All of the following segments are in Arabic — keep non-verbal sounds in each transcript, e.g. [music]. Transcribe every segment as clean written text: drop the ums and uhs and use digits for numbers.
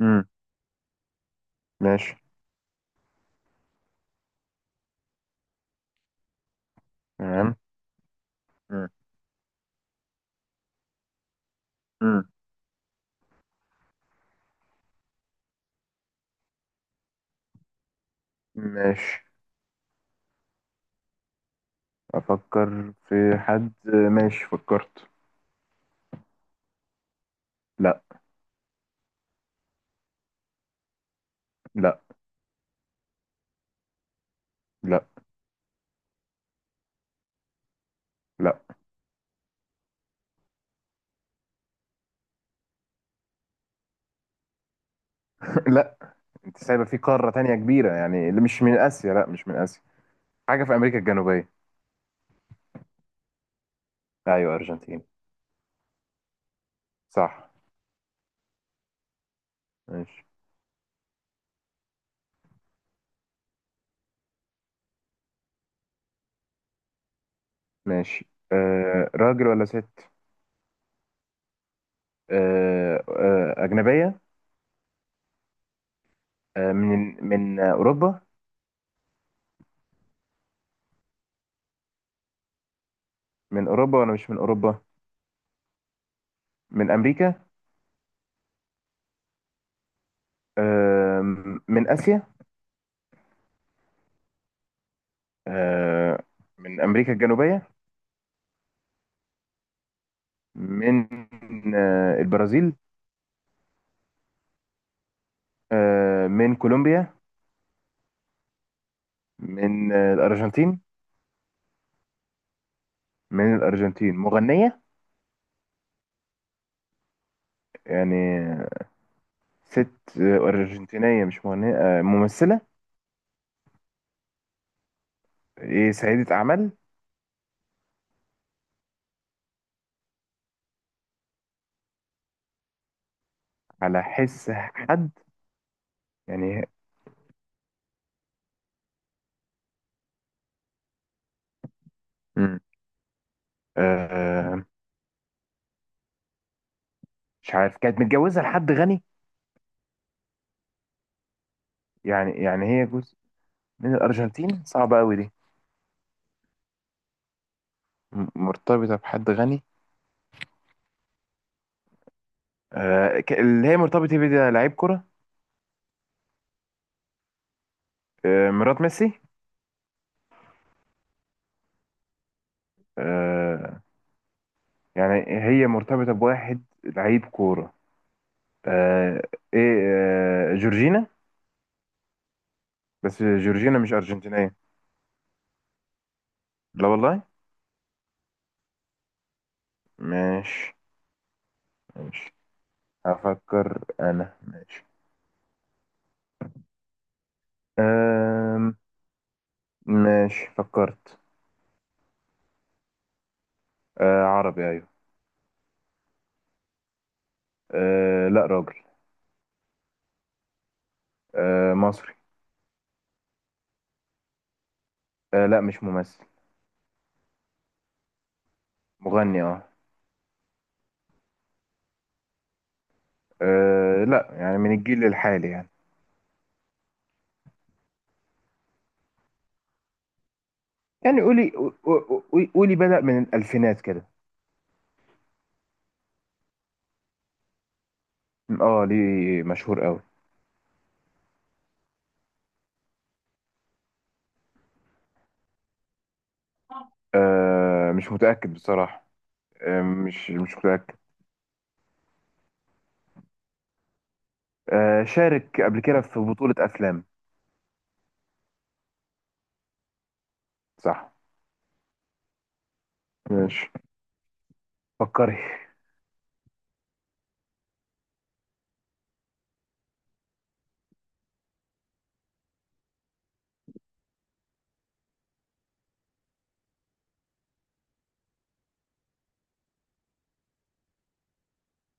امم. ماشي. تمام. امم. امم. ماشي. افكر في حد. ماشي، فكرت. لا. لا. لا. لا. [laughs] لا. انت سايبه في قاره تانية كبيره، يعني اللي مش من اسيا. لا مش من اسيا، حاجه في امريكا الجنوبيه. ايوه، ارجنتين. صح. ماشي. ماشي. راجل ولا ست؟ آه، أجنبية؟ من أوروبا؟ من أوروبا ولا مش من أوروبا؟ من أمريكا؟ آه من آسيا؟ آه، من أمريكا الجنوبية؟ من البرازيل؟ من كولومبيا؟ من الأرجنتين؟ من الأرجنتين، مغنية؟ يعني ست، أرجنتينية مش مغنية، ممثلة؟ إيه، سيدة أعمال؟ على حس حد؟ يعني. مم. آه، مش عارف، كانت متجوزة لحد غني؟ يعني هي جزء من الأرجنتين، صعبة أوي دي. مرتبطة بحد غني. اللي هي مرتبطة بيه ده لعيب كرة؟ مرات ميسي؟ آه يعني هي مرتبطة بواحد لعيب كورة. آه، ايه، جورجينا؟ بس جورجينا مش أرجنتينية. لا والله. ماشي. ماشي، هفكر أنا، ماشي. آه ماشي، فكرت. عربي، أيوه. لا، راجل. مصري. لا، مش ممثل. مغني، اه. لا، يعني من الجيل الحالي يعني. يعني، قولي قولي قولي، بدأ من الألفينات كده. اه، ليه مشهور قوي؟ مش متأكد بصراحة. مش متأكد. شارك قبل كده في بطولة أفلام. صح. ماشي. فكري.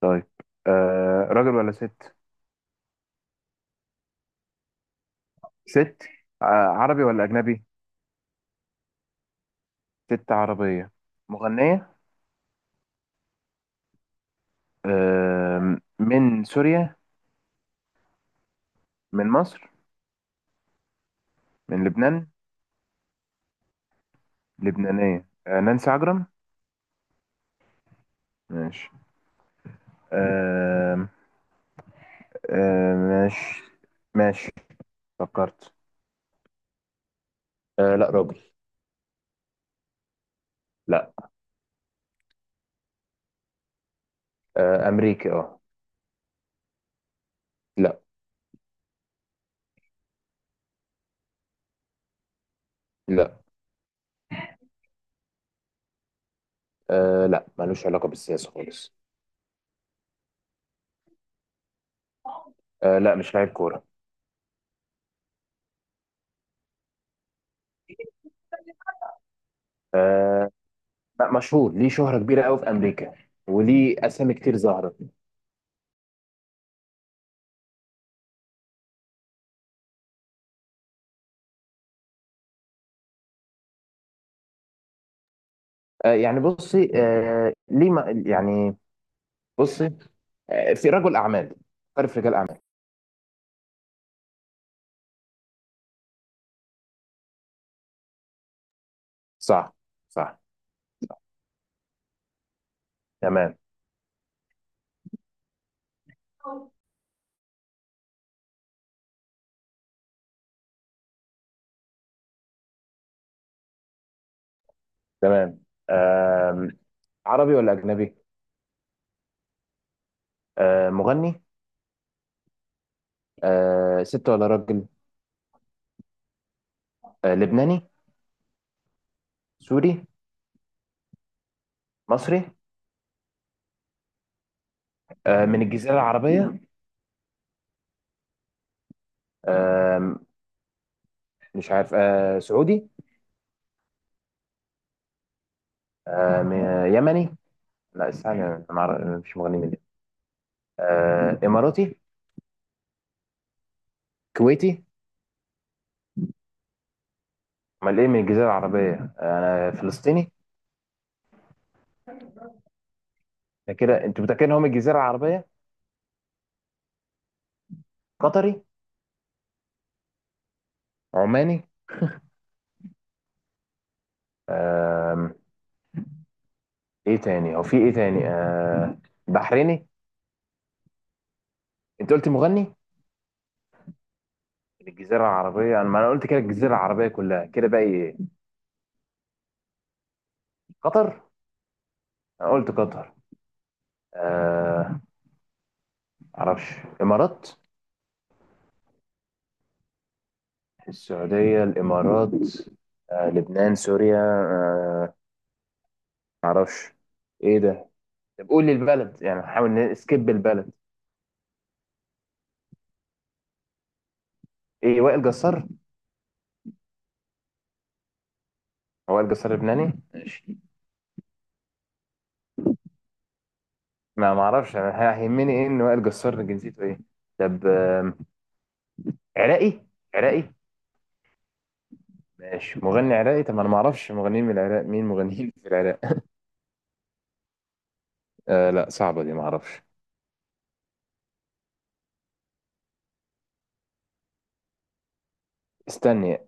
طيب. راجل ولا ست؟ ست. عربي ولا أجنبي؟ ست عربية، مغنية؟ من سوريا؟ من مصر؟ من لبنان؟ لبنانية، نانسي عجرم؟ ماشي. آه ماشي. ماشي، فكرت. لا، راجل. لا. أمريكي، اه. لا. لا. لا، ملوش علاقة بالسياسة خالص. لا، مش لاعب كورة. آه لا، مشهور ليه شهرة كبيرة قوي في أمريكا، وليه أسامي كتير ظاهرة. يعني بصي، ليه، ما يعني. بصي. في رجل أعمال. عارف رجال أعمال؟ صح. صح. تمام. تمام. آه عربي ولا أجنبي؟ مغني؟ ست ولا راجل؟ لبناني؟ سوري؟ مصري؟ من الجزيرة العربية؟ آه مش عارف، سعودي؟ يمني؟ لا استنى، انا ما أعرف- أنا مش مغني من اليمن. اماراتي؟ كويتي؟ امال ايه من الجزيره العربيه؟ انا، فلسطيني؟ ده كده انتوا متاكدين هم الجزيره العربيه؟ قطري؟ عماني؟ آه ايه تاني، هو في ايه تاني؟ بحريني؟ انت قلت مغني من الجزيره العربيه، انا، ما قلت كده، الجزيره العربيه كلها كده، باقي ايه؟ قطر؟ انا قلت قطر. آه معرفش. امارات؟ السعوديه، الامارات، لبنان، سوريا، معرفش. ايه ده؟ طب قول لي البلد، يعني حاول نسكيب البلد. ايه، وائل جسار؟ هو وائل جسار لبناني؟ ماشي. ما معرفش، انا هيهمني ايه ان وائل جسار جنسيته ايه؟ طب عراقي؟ عراقي؟ ماشي، مغني عراقي، طب انا ما اعرفش مغنيين من العراق، مين مغنيين في العراق؟ [laughs] لا، صعبه دي، ما اعرفش. استني،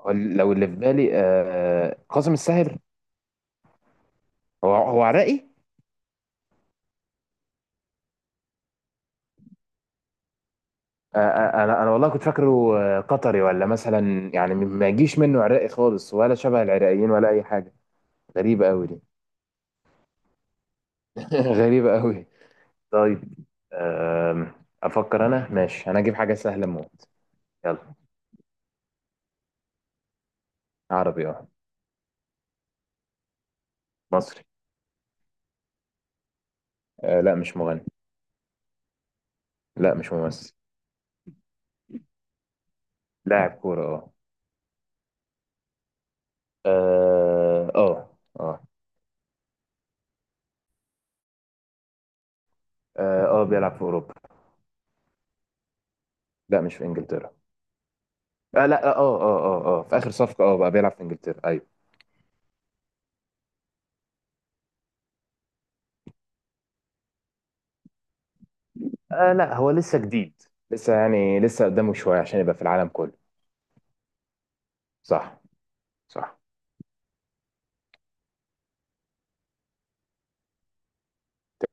هو لو اللي في بالي قاسم الساهر؟ هو هو عراقي؟ انا والله كنت فاكره قطري، ولا مثلا يعني ما يجيش منه عراقي خالص، ولا شبه العراقيين، ولا اي حاجه. غريبة أوي دي. [laughs] غريبة أوي. طيب. أم، أفكر أنا، ماشي، أنا أجيب حاجة سهلة موت. يلا. عربي، أه. مصري. لا، مش مغني. لا، مش ممثل. لاعب كورة. أه، أه. أه، أه. أه، بيلعب في أوروبا. لا، مش في إنجلترا. أه، لا، أه، أه. أه، أه، في آخر صفقة بقى بيلعب في إنجلترا، أيوه. أه، لا، هو لسه جديد. لسه قدامه شوية عشان يبقى في العالم كله. صح. صح.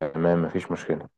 تمام، مفيش مشكلة.